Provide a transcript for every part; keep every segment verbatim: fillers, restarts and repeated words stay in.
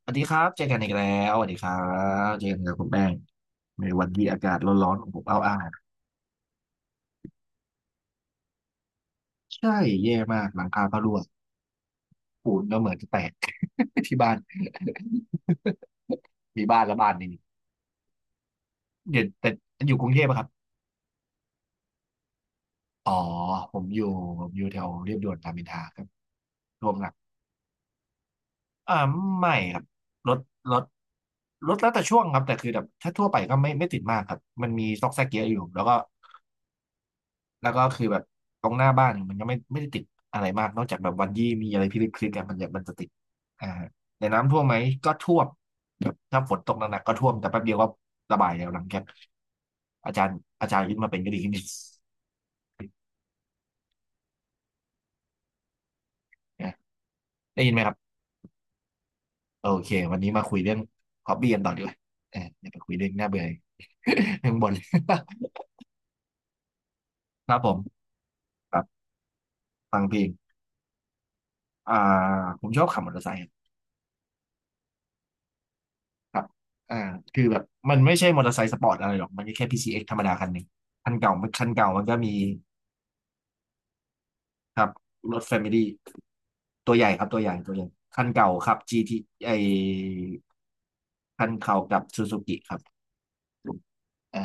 สวัสดีครับเจอกันอีกแล้วสวัสดีครับเจอกันกับคุณแป้งในวันที่อากาศร้อนๆของผมอ้าวๆใช่แย่มากหลังคาก็รั่วปูนก็เหมือนจะแตก ที่บ้าน มีบ้านและบ้านนี่เดี๋ยวแต่อยู่กรุงเทพอะครับอ๋อผมอยู่ผมอยู่แถวเรียบด่วนรามอินทราครับรวมหนักอ่าไม่ครับรถรถรถแล้วแต่ช่วงครับแต่คือแบบถ้าทั่วไปก็ไม่ไม่ติดมากครับมันมีซอกแซกเยอะอยู่แล้วก็ แล้วก็คือแบบตรงหน้าบ้านมันก็ไม่ไม่ได้ติดอะไรมากนอกจากแบบวันยี่มีอะไรพิลึกพิลึกอะมันจะมันจะติดอ่าแต่น้ำท่วมไหมก็ท่วมแบบถ้าฝนตกหนักๆก็ท่วมแต่แป๊บเดียวก็ระบายแล้วหลังจากอาจารย์อาจารย์ยึดมาเป็นก็ดีขึ้นนะได้ยินไหมครับโอเควันนี้มาคุยเรื่องฮอบบี้กันต่อดีกว่าเอออย่าไปคุยเรื่องน่าเบื่อ เรื่อ งบน ครับผมครับฟังเพลงอ่าผมชอบขับมอเตอร์ไซค์ ครับอ่าคือแบบ มันไม่ใช่มอเตอร์ไซค์สปอร์ตอะไรหรอก มันก็แค่ พี ซี เอ็กซ์ ธรรมดาคันหนึ่งคันเก่ามันคันเก่า มันก็มีครับรถแฟมิลี่ตัวใหญ่ครับ ตัวใหญ่ ตัวใหญ่ คันเก่าครับ จี ที ไอคันเก่ากับซูซูกิครับอ่า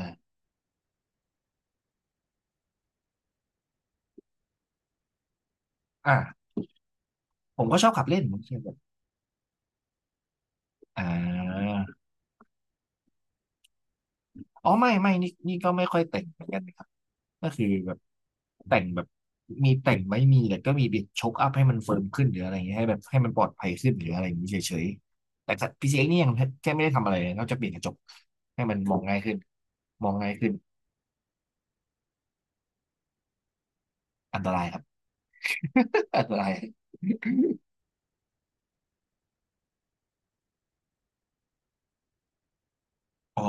อ่าผมก็ชอบขับเล่นผมชอบแบบอ่า อ๋อไม่ไม่นี่นี่ก็ไม่ค่อยแต่งเหมือนกันนะครับก็คือแบบแต่งแบบมีแต่งไม่มีแต่ก็มีบิดชกอัพให้มันเฟิร์มขึ้นหรืออะไรอย่างเงี้ยให้แบบให้มันปลอดภัยขึ้นหรืออะไรอย่างนี้เฉยๆ แต่พีซีเอ็กนี่ยังแค่ไม่ได้ทำอะไรเลยนอกจากเปลี่ยนกระจกให้มันมองง่ายขึ้นมองง่ายขึ้นอันตรายครับ อันตรายอ๋อ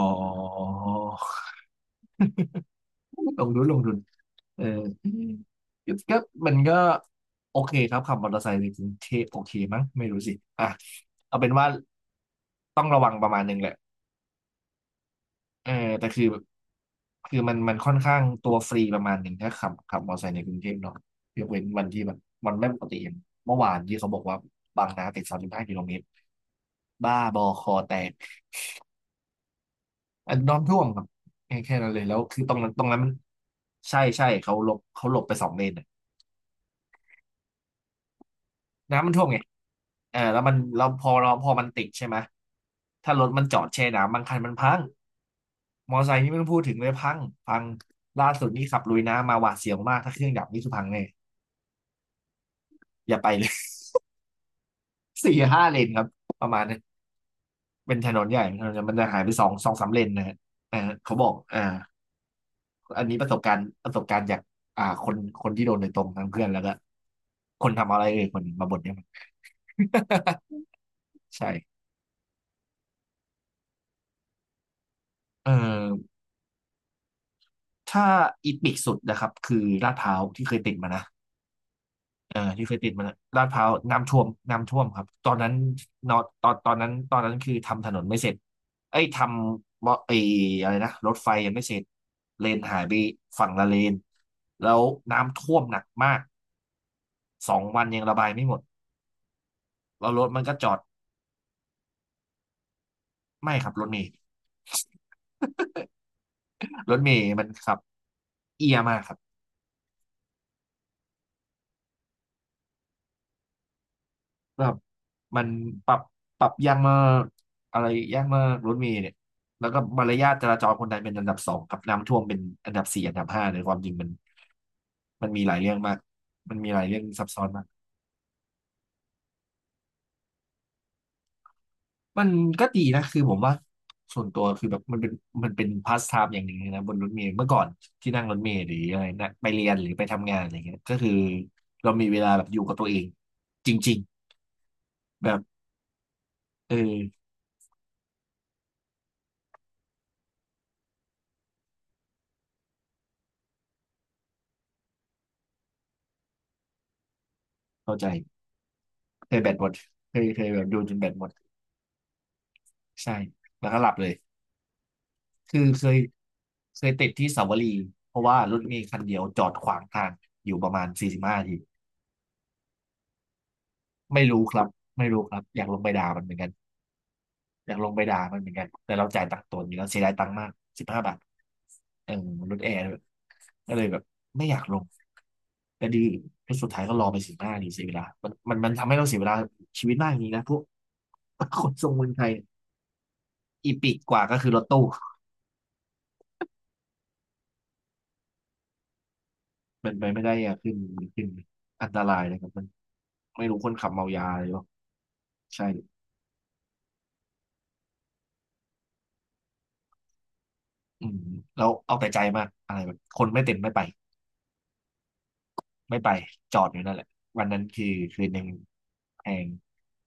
ลงทุนลงทุนเออก็มันก็โอเคครับขับมอเตอร์ไซค์ในกรุงเทพโอเคมั้งไม่รู้สิอ่ะเอาเป็นว่าต้องระวังประมาณหนึ่งแหละเออแต่คือคือมันมันค่อนข้างตัวฟรีประมาณหนึ่งถ้าขับขับมอเตอร์ไซค์ในกรุงเทพเนาะยกเว้นวันที่แบบมันไม่ปกติอย่างเมื่อวานที่เขาบอกว่าบางนาติดสามสิบห้ากิโลเมตรบ้าบอคอแตกอันน้ำท่วมครับแค่แค่นั้นเลยแล้วคือตรงนั้นตรงนั้นมันใช่ใช่เขาหลบเขาหลบไปสองเลน น้ำมันท่วมไงเออแล้วมันเราพอเราพอมันติดใช่ไหม ถ้ารถมันจอดแช่น้ำบางคันมันพัง มอไซค์นี่ไม่ต้องพูดถึงเลยพังพังล่าสุดนี่ขับลุยน้ำมาหวาดเสียวมาก ถ้าเครื่องดับนี่คือพังแน่อย่าไปเลย สี่ห้าเลนครับ ประมาณนั้นเป็นถนนใหญ่ถนนใหญ่มันจะหายไปสองสองสามเลนนะฮะอ่าเขาบอกอ่าอันนี้ประสบการณ์ประสบการณ์จากอ่าคนคนที่โดนโดยตรงทั้งเพื่อนแล้วก็คนทำอะไรเอ่ยคนมาบ่นเนี่ยมัน ใช่เออ ถ้าอีทิกสุดนะครับคือลาดพร้าวที่เคยติดมานะเออที่เคยติดมานะลาดพร้าวน้ำท่วมน้ำท่วมครับตอนนั้นนอตอนตอนนั้นตอนนั้นคือทำถนนไม่เสร็จเอ้ยทำมอไอ้อะไรนะรถไฟยังไม่เสร็จเลนหายไปฝั่งละเลนแล้วน้ำท่วมหนักมากสองวันยังระบายไม่หมดแลรวรถมันก็จอดไม่ครับรถเมล์รถเมล์มันขับเอียมากครับ แบบมันปรับปรับยากมากอะไรยากมากรถเมล์เนี่ยแล้วก็มารยาทจราจรคนไทยเป็นอันดับสองกับน้ำท่วมเป็นอันดับสี่อันดับห้าในความจริงมันมันมีหลายเรื่องมากมันมีหลายเรื่องซับซ้อนมากมันก็ดีนะคือผมว่าส่วนตัวคือแบบมันเป็นมันเป็นพาสไทม์อย่างหนึ่งเลยนะบนรถเมล์เมื่อก่อนที่นั่งรถเมล์หรืออะไรนะไปเรียนหรือไปทำงานอะไรเงี้ยก็คือเรามีเวลาแบบอยู่กับตัวเองจริงๆแบบเออเข้าใจเคยแบตหมดเคยเคยแบบดูจนแบตหมด ใช่แล้วก็หลับเลยคือเคยเคยติดที่สาวรีเพราะว่ารถเมล์คันเดียวจอดขวางทางอยู่ประมาณสี่สิบห้านาทีไม่รู้ครับไม่รู้ครับอยากลงไปด่ามันเหมือนกันอยากลงไปด่ามันเหมือนกันแต่เราจ่ายตังค์ตัวนี้แล้วเสียดายตังค์มากสิบห้าบาทเออรถแอร์ด้วยก็เลยแบบไม่อยากลงแต่ดีแล้วสุดท้ายก็รอไปสิบห้านาทีเสียเวลามันมันมันทำให้เราเสียเวลาชีวิตมากอย่างนี้นะพวก คนทรงเมืองไทยอีปิกกว่าก็คือรถตู้ เป็นไปไม่ได้อย่าขึ้นขึ้นอันตรายเลยครับมันไม่รู้คนขับเมายาอะไรหรอเปล่าใช่อืมแล้วเอาแต่ใจมากอะไรแบบคนไม่เต็มไม่ไปไม่ไปจอดอยู่นั่นแหละวันนั้นคือคืนหนึ่งแพง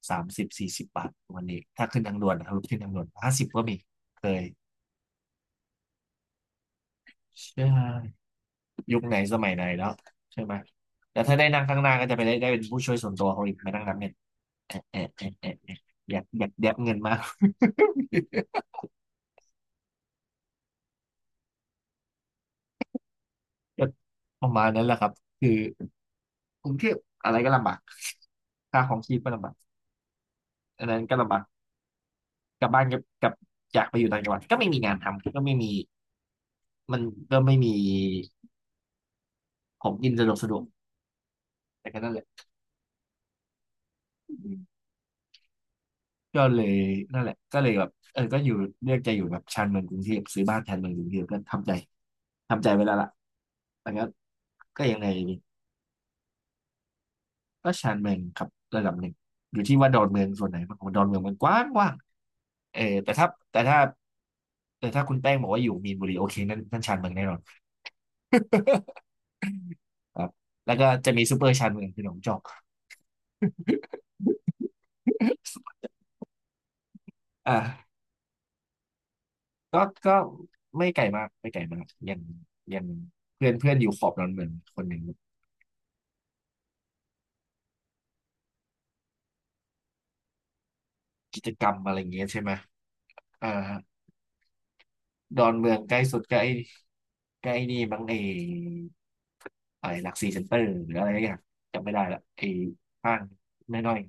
สามสิบสี่สิบบาทวันนี้ถ้าขึ้นทางด่วนนะครับขึ้นทางด่วนห้าสิบก็มีเคยใช่ยุคไหนสมัยไหนแล้วใช่ไหมแล้วถ้าได้นั่งข้างหน้าก็จะไปได้ได้เป็นผู้ช่วยส่วนตัวเขาอีกมานั่งนับเงินแอะแอะแอะแอะแอะอยากอยากแดบเงินมาก ก็ประมาณนั้นแหละครับคือกรุงเทพอะไรก็ลำบากค่าของชีพก็ลำบากอันนั้นก็ลำบากกลับบ้านกับกับอยากไปอยู่ต่างจังหวัดก็ไม่มีงานทำก็ไม่มีมันก็ไม่มีของกินสะดวกสะดวกแต่ก็นั่นแหละอืมก็เลยนั่นแหละก็เลยแบบเออก็อยู่เลือกจะอยู่แบบชานเมืองกรุงเทพซื้อบ้านชานเมืองกรุงเทพก็ทำใจทำใจไว้แล้วล่ะแต่ก็ก็ยังไง ก็ชานเมืองครับระดับหนึ่งอยู่ที่ว่าดอนเมืองส่วนไหนมากกว่าดอนเมืองมันกว้างกว้างเออแต่ถ้าแต่ถ้าแต่ถ้าคุณแป้งบอกว่าอยู่มีนบุรีโอเคนั่นนั่นชานเมืองแน่นอน ครับแล้วก็จะมีซูเปอร์ชานเมืองคือหนองจอกอ่าก็ก็ไม่ไกลมากไม่ไกลมากยังยังเพื่อนเพื่อนอยู่ขอบดอนเมืองคนหนึ่งกิจกรรมอะไรอย่างเงี้ยใช่ไหมอ่า ดอนเมืองใกล้สุดก็ไอ้ใกล้นี่บางไอ้อะไรหลักสี่เซ็นเตอร์หรืออะไรอย่างจำไม่ได้ละไอ้ห้างน้อย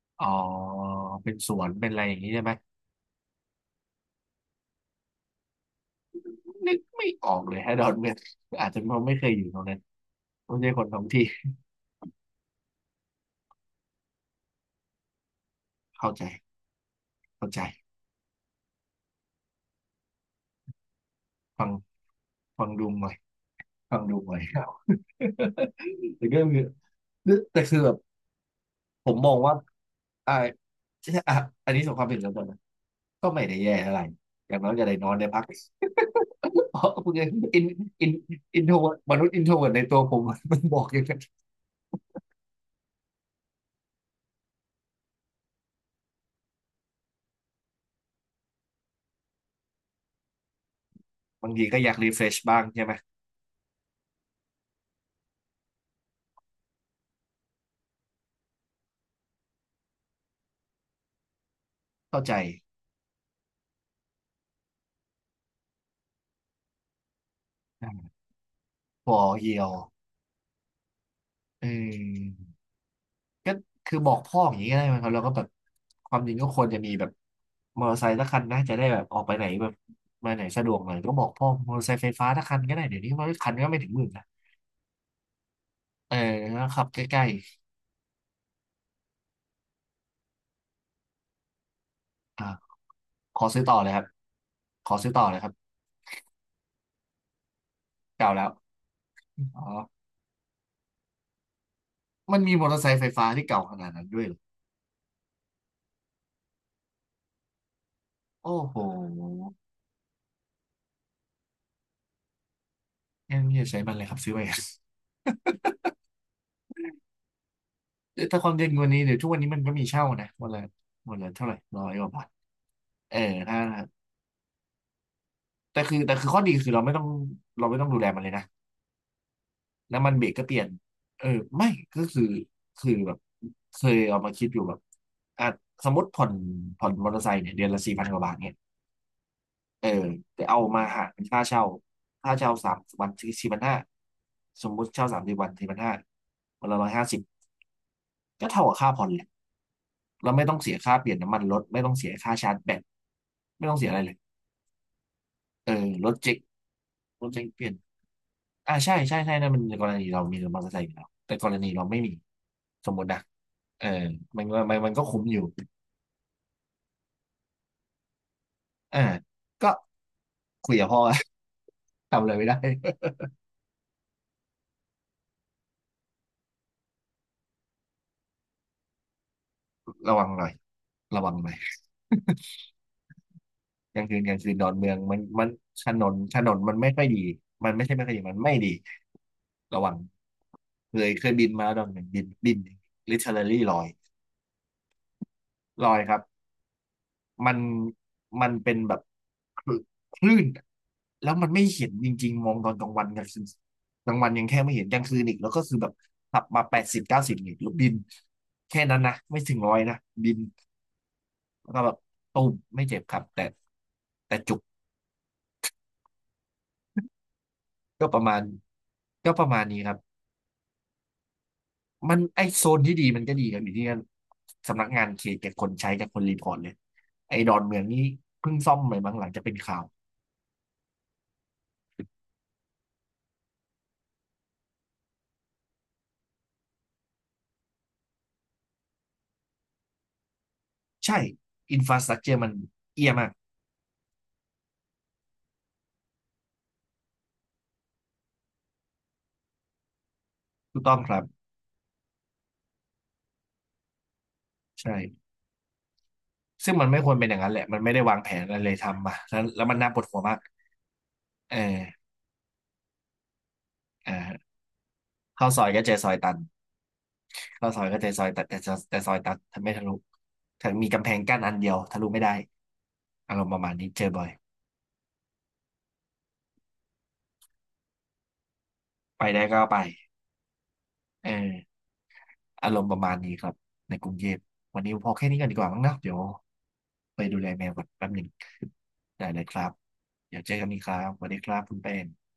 ๆอ๋อเป็นสวนเป็นอะไรอย่างนี้ใช่ไหมนึกไม่ออกเลยฮะดอนเมืองอาจจะเพราะไม่เคยอยู่ตรงนั้นไม่ใช่คนท้องที่เข้าใจเข้าใจฟังฟังดูหน่อยฟังดูหน่อย ครับแต่ก็คือแต่คือแบบผมมองว่าอ่าอ่ะ อันนี้สำหรับความเป็นส่วนตัวนะก็ไม่ได้แย่อะไรอย่างน้อยก็ได้นอนได้พัก อ๋อคุณยังอินอินอินโทรมนุษย์อินโทรในตัวผมมันบอกอย่างนั้นบางทีก็อยากรีเฟรชบ้างใช่ไหมเข้าใจพอเยียวเออก็คือบอกพ่ออย่างนี้ก็ได้ไหมครับแล้วก็แบบความจริงก็ควรจะมีแบบมอเตอร์ไซค์สักคันนะจะได้แบบออกไปไหนแบบมาไหนสะดวกหน่อยก็บอกพ่อมอเตอร์ไซค์ไฟฟ้าสักคันก็ได้เดี๋ยวนี้มันคันก็ไม่ถึงหมื่นนะเออแล้วขับใกล้ๆอ่าขอซื้อต่อเลยครับขอซื้อต่อเลยครับ เก่าแล้วอ๋อมันมีมอเตอร์ไซค์ไฟฟ้าที่เก่าขนาดนั้นด้วยเหรอ โอ้โหง่้นอย่าใช้มันเลยครับซื้อไป ถ้า ความเย็นกว่านี้เดี๋ยวทุกวันนี้มันก็มีเช่านะวันละวันละเท่าไหร่ร้อยกว่าบาทเออถ้าแต่คือแต่คือข้อดีคือเราไม่ต้องเราไม่ต้องดูแลมันเลยนะน้ำมันเบรกก็เปลี่ยนเออไม่ก็คือคือแบบเคยเอามาคิดอยู่แบบอ่ะสมมติผ่อนผ่อนมอเตอร์ไซค์เนี่ยเดือนละสี่พันกว่าบาทเนี่ยเออแต่เอามาหารเป็นค่าเช่าค่าเช่าสามวันสี่พันห้าสมมติเช่าสามสิบวันสี่พันห้าวันละร้อยห้าสิบก็เท่ากับค่าผ่อนแหละ เราไม่ต้องเสียค่าเปลี่ยนน้ำมันรถไม่ต้องเสียค่าชาร์จแบตไม่ต้องเสียอะไรเลยเออรถเจ๊กรถเจ๊กเปลี่ยนอ่าใช่ใช่ใช่นั่นมันกรณีเรามีมอเตอร์ไซค์อยู่แล้วแต่กรณีเราไม่มีสมมตินะเออมันก็มันมันก็คุ้มอยู่อ่าก็คุยกับพ่อ ทำอะไรไม่ได้ ระวังหน่อยระวังหน่อยกลางคืนกลางคืนดอนเมืองมันมันถนนถนนมันไม่ค่อยดีมันไม่ใช่ไม่ค่อยดีมันไม่ดีระวังเคยเคยบินมาดอนเมืองบินบิน l i t ร r a l ี่ลอยลอยครับ มันมันเป็นแบบคลืคลื่นอะแล้วมันไม่เห็นจริงๆ มองตอนกลางวันกลางคืนกลางวันยังแค่ไม่เห็นกลางคืนอีกแล้วก็คือแบบขับมาแปดสิบเก้าสิบอีกแล้วบินแค่นั้นนะไม่ถึงร้อยนะบินแล้วก็แบบตูมไม่เจ็บครับ แต่แต่จุกก็ประมาณก็ประมาณนี้ครับ มันไอโซนที่ดีมันก็ดีครับอยู่ที่สำนักงานเขตกับคนใช้กับคนรีพอร์ตเลยไอดอนเมืองนี้เพิ่งซ่อมใหม่บางหลังจะเป็นข่าวใช่อินฟราสตรั t เจอมันเอียมากถูกต้องครับ ใช่ซึ่งมันไม่ควรเป็นอย่างนั้นแหละมันไม่ได้วางแผนอะไรเลยทำมาแล้วแล้วมันน่าปวดหัวมากเอออ่าเข้าซอยก็เจอซอยตันเข้าซอยก็เจอซอยตันแต่แต่แต่ซอยตันทำไม่ทะลุถ้ามีกำแพงกั้นอันเดียวทะลุไม่ได้อารมณ์ประมาณนี้เจอบ่อยไปได้ก็ไปเอออารมณ์ประมาณนี้ครับในกรุงเทพวันนี้พอแค่นี้กันดีกว่ามั้งเนอะเดี๋ยวไปดูแลแมวก่อนแป๊บหนึ่งได้เลยครับเดี๋ยวเจอกันอีกครับสวัสดีครับคุณแป้ง